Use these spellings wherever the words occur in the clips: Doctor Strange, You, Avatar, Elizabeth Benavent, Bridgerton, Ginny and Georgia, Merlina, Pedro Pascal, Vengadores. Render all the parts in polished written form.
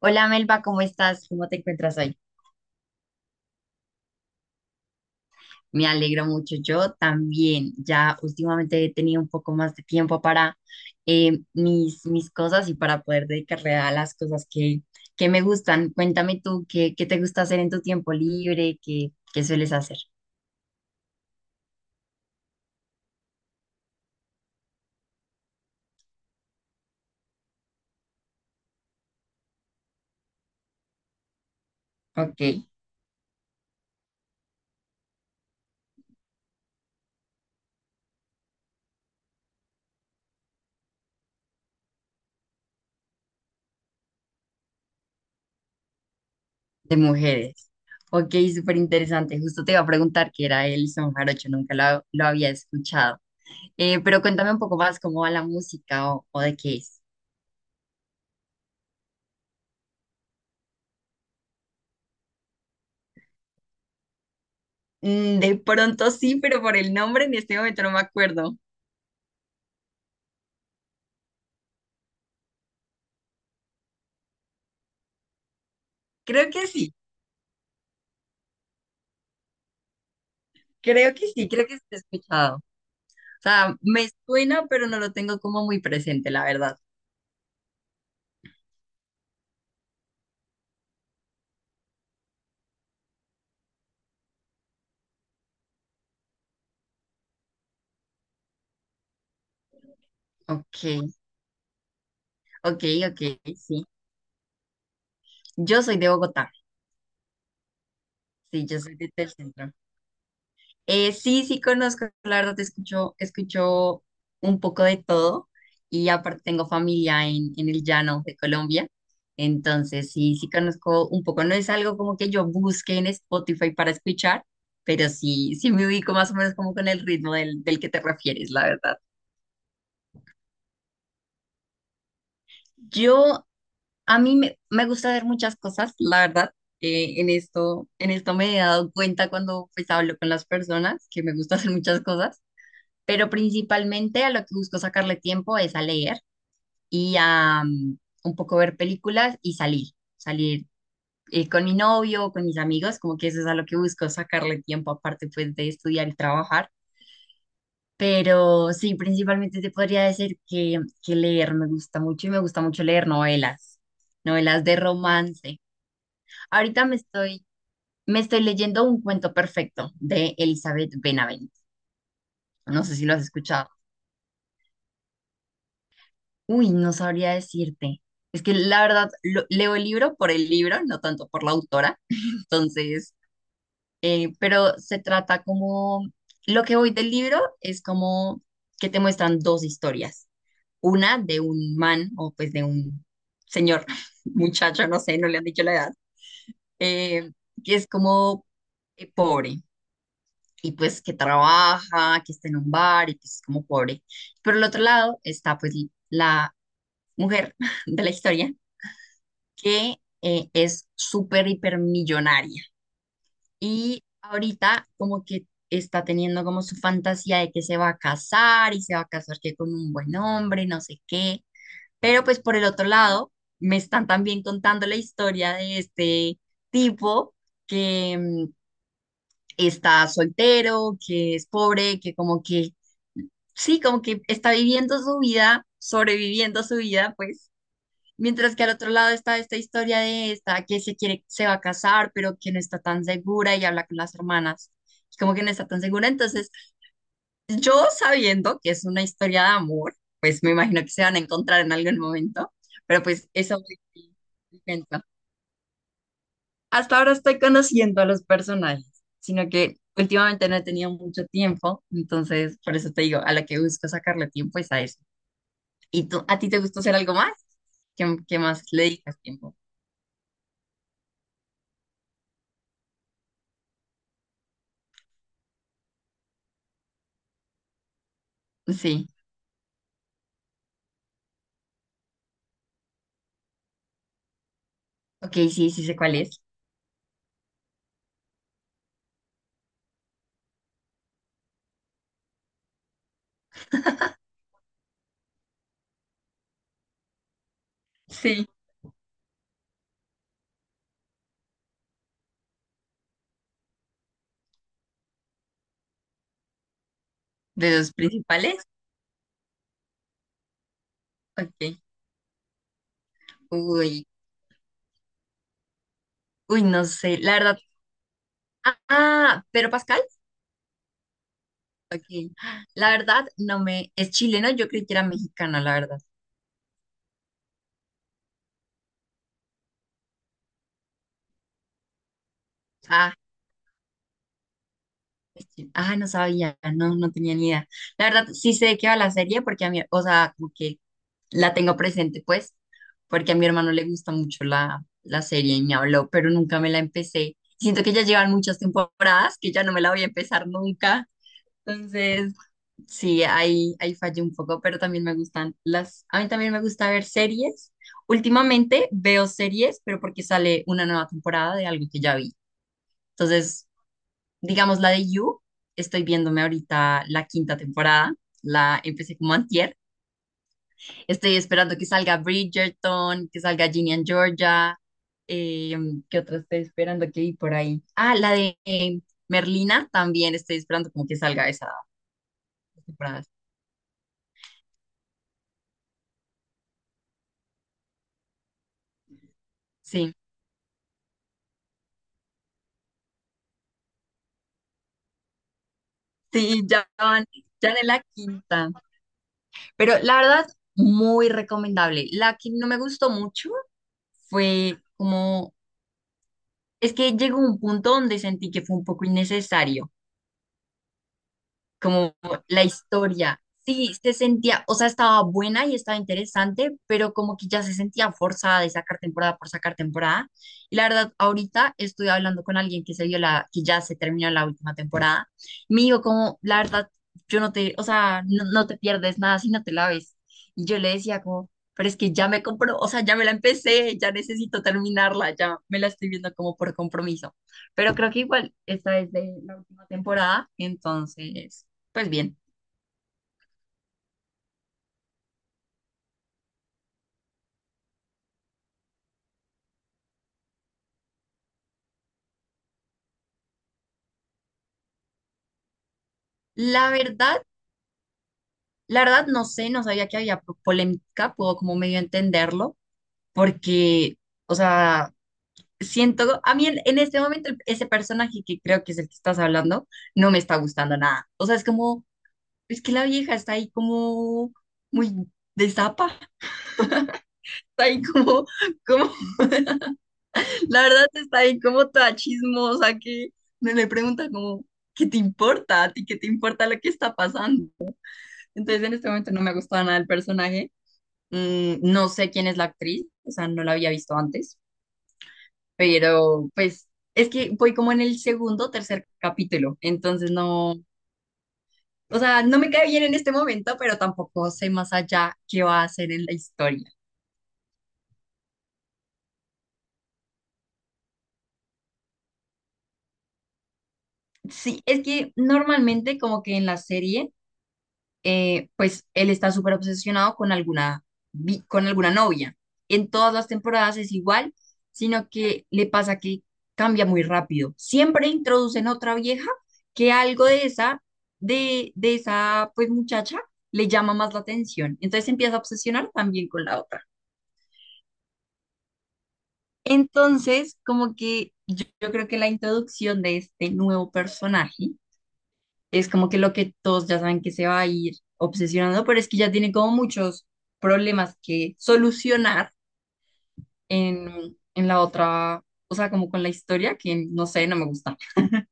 Hola, Melba, ¿cómo estás? ¿Cómo te encuentras hoy? Me alegro mucho. Yo también. Ya últimamente he tenido un poco más de tiempo para mis cosas y para poder dedicarle a las cosas que me gustan. Cuéntame tú, qué te gusta hacer en tu tiempo libre? Qué sueles hacer? Ok, de mujeres. Ok, súper interesante. Justo te iba a preguntar qué era el son jarocho, nunca lo había escuchado. Pero cuéntame un poco más cómo va la música o de qué es. Mm, de pronto sí, pero por el nombre en este momento no me acuerdo. Creo que sí, Creo que sí lo he escuchado. O sea, me suena, pero no lo tengo como muy presente, la verdad. Ok, ok, ok, sí. Yo soy de Bogotá. Sí, yo soy del centro. Sí conozco, la verdad, escucho un poco de todo, y aparte tengo familia en el llano de Colombia. Entonces sí, sí conozco un poco, no es algo como que yo busque en Spotify para escuchar, pero sí, sí me ubico más o menos como con el ritmo del que te refieres, la verdad. Yo, me gusta ver muchas cosas, la verdad. En esto me he dado cuenta cuando pues hablo con las personas que me gusta hacer muchas cosas, pero principalmente a lo que busco sacarle tiempo es a leer y a un poco ver películas y salir con mi novio o con mis amigos, como que eso es a lo que busco sacarle tiempo, aparte pues de estudiar y trabajar. Pero sí, principalmente te podría decir que leer me gusta mucho y me gusta mucho leer novelas de romance. Ahorita me estoy, Me estoy leyendo Un cuento perfecto de Elizabeth Benavent. No sé si lo has escuchado. Uy, no sabría decirte. Es que la verdad, leo el libro por el libro, no tanto por la autora. Entonces, pero se trata como, lo que voy del libro es como que te muestran dos historias. Una de un man o pues de un señor, muchacho, no sé, no le han dicho la edad, eh, que es como pobre y pues que trabaja, que está en un bar y que es como pobre. Pero el otro lado está pues la mujer de la historia que es súper hipermillonaria. Y ahorita como que está teniendo como su fantasía de que se va a casar y se va a casar que con un buen hombre, no sé qué. Pero pues por el otro lado, me están también contando la historia de este tipo que está soltero, que es pobre, que como que, sí, como que está viviendo su vida, sobreviviendo su vida, pues mientras que al otro lado está esta historia de esta que se quiere, se va a casar, pero que no está tan segura y habla con las hermanas. Y como que no está tan segura. Entonces, yo sabiendo que es una historia de amor, pues me imagino que se van a encontrar en algún momento. Pero pues eso me me cuento. Hasta ahora estoy conociendo a los personajes, sino que últimamente no he tenido mucho tiempo. Entonces, por eso te digo, a la que busco sacarle tiempo es a eso. ¿Y tú, a ti te gusta hacer algo más? Qué más le dedicas tiempo? Sí. Ok, sí, sí sé cuál es. Sí. ¿De los principales? Ok. Uy, Uy, no sé. La verdad. Ah, ¿Pedro Pascal? Ok. La verdad, no me. ¿Es chileno? Yo creí que era mexicano, la verdad. Ah, ah, no sabía. No, no tenía ni idea. La verdad, sí sé de qué va la serie porque a mí, o sea, como que la tengo presente, pues, porque a mi hermano le gusta mucho la serie y me habló, pero nunca me la empecé. Siento que ya llevan muchas temporadas que ya no me la voy a empezar nunca. Entonces. Sí, ahí fallé un poco, pero también me gustan las, a mí también me gusta ver series. Últimamente veo series, pero porque sale una nueva temporada de algo que ya vi. Entonces, digamos la de You, estoy viéndome ahorita la quinta temporada, la empecé como antier. Estoy esperando que salga Bridgerton, que salga Ginny and Georgia, eh, ¿qué otra estoy esperando que vi por ahí? Ah, la de Merlina, también estoy esperando como que salga esa temporada. Sí. Sí, ya van, ya en la quinta. Pero la verdad, muy recomendable. La que no me gustó mucho fue como, es que llegó un punto donde sentí que fue un poco innecesario. Como la historia. Sí, se sentía, o sea, estaba buena y estaba interesante, pero como que ya se sentía forzada de sacar temporada por sacar temporada. Y la verdad, ahorita estuve hablando con alguien que se vio que ya se terminó la última temporada. Me dijo como, la verdad, yo no te, o sea, no, no te pierdes nada si no te la ves. Y yo le decía como, pero es que ya me compró, o sea, ya me la empecé, ya necesito terminarla, ya me la estoy viendo como por compromiso. Pero creo que igual esta es de la última temporada, entonces pues bien, la verdad, la verdad no sé, no sabía que había polémica, puedo como medio entenderlo, porque, o sea, siento, a mí en este momento ese personaje que creo que es el que estás hablando, no me está gustando nada. O sea, es como, es que la vieja está ahí como muy de zapa, está ahí como, la verdad está ahí como toda chismosa que me le pregunta como, ¿qué te importa? ¿A ti qué te importa lo que está pasando? Entonces en este momento no me ha gustado nada el personaje. Mm, no sé quién es la actriz, o sea, no la había visto antes, pero pues es que voy como en el segundo o tercer capítulo, entonces no, o sea, no me cae bien en este momento, pero tampoco sé más allá qué va a hacer en la historia. Sí, es que normalmente como que en la serie pues él está súper obsesionado con con alguna novia. En todas las temporadas es igual, sino que le pasa que cambia muy rápido. Siempre introducen otra vieja que algo de de esa pues muchacha le llama más la atención. Entonces se empieza a obsesionar también con la otra. Entonces, como que yo creo que la introducción de este nuevo personaje es como que lo que todos ya saben que se va a ir obsesionando, pero es que ya tiene como muchos problemas que solucionar en la otra, o sea, como con la historia, que no sé, no me gusta,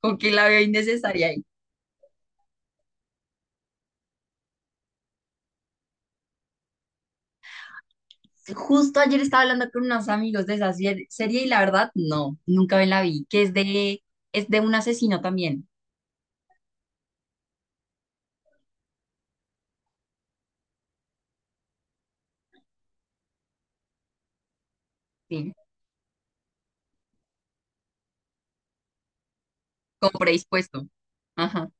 como que la veo innecesaria ahí. Justo ayer estaba hablando con unos amigos de esa serie y la verdad, no, nunca me la vi, que es es de un asesino también, sí, como predispuesto. Ajá,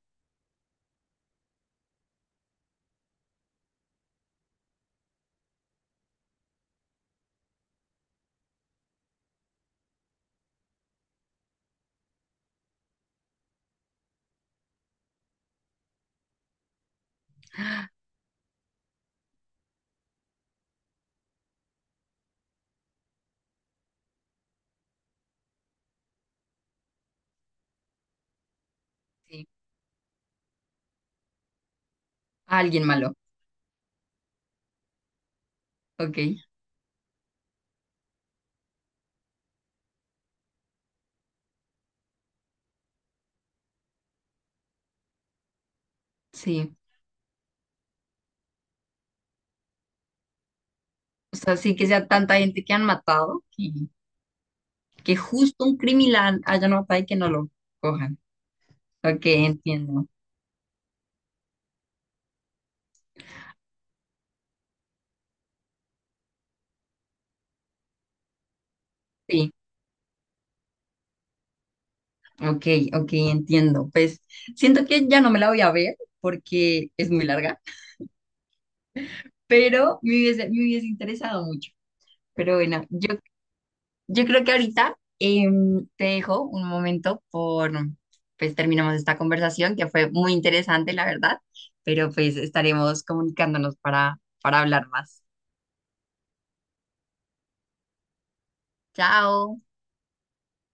sí, alguien malo, ok, sí. O sea, sí que sea tanta gente que han matado, que justo un criminal haya matado y que no lo cojan. Ok, entiendo. Sí, ok, ok, entiendo. Pues siento que ya no me la voy a ver porque es muy larga, pero me hubiese interesado mucho. Pero bueno, yo creo que ahorita te dejo un momento pues terminamos esta conversación que fue muy interesante, la verdad, pero pues estaremos comunicándonos para hablar más. Chao.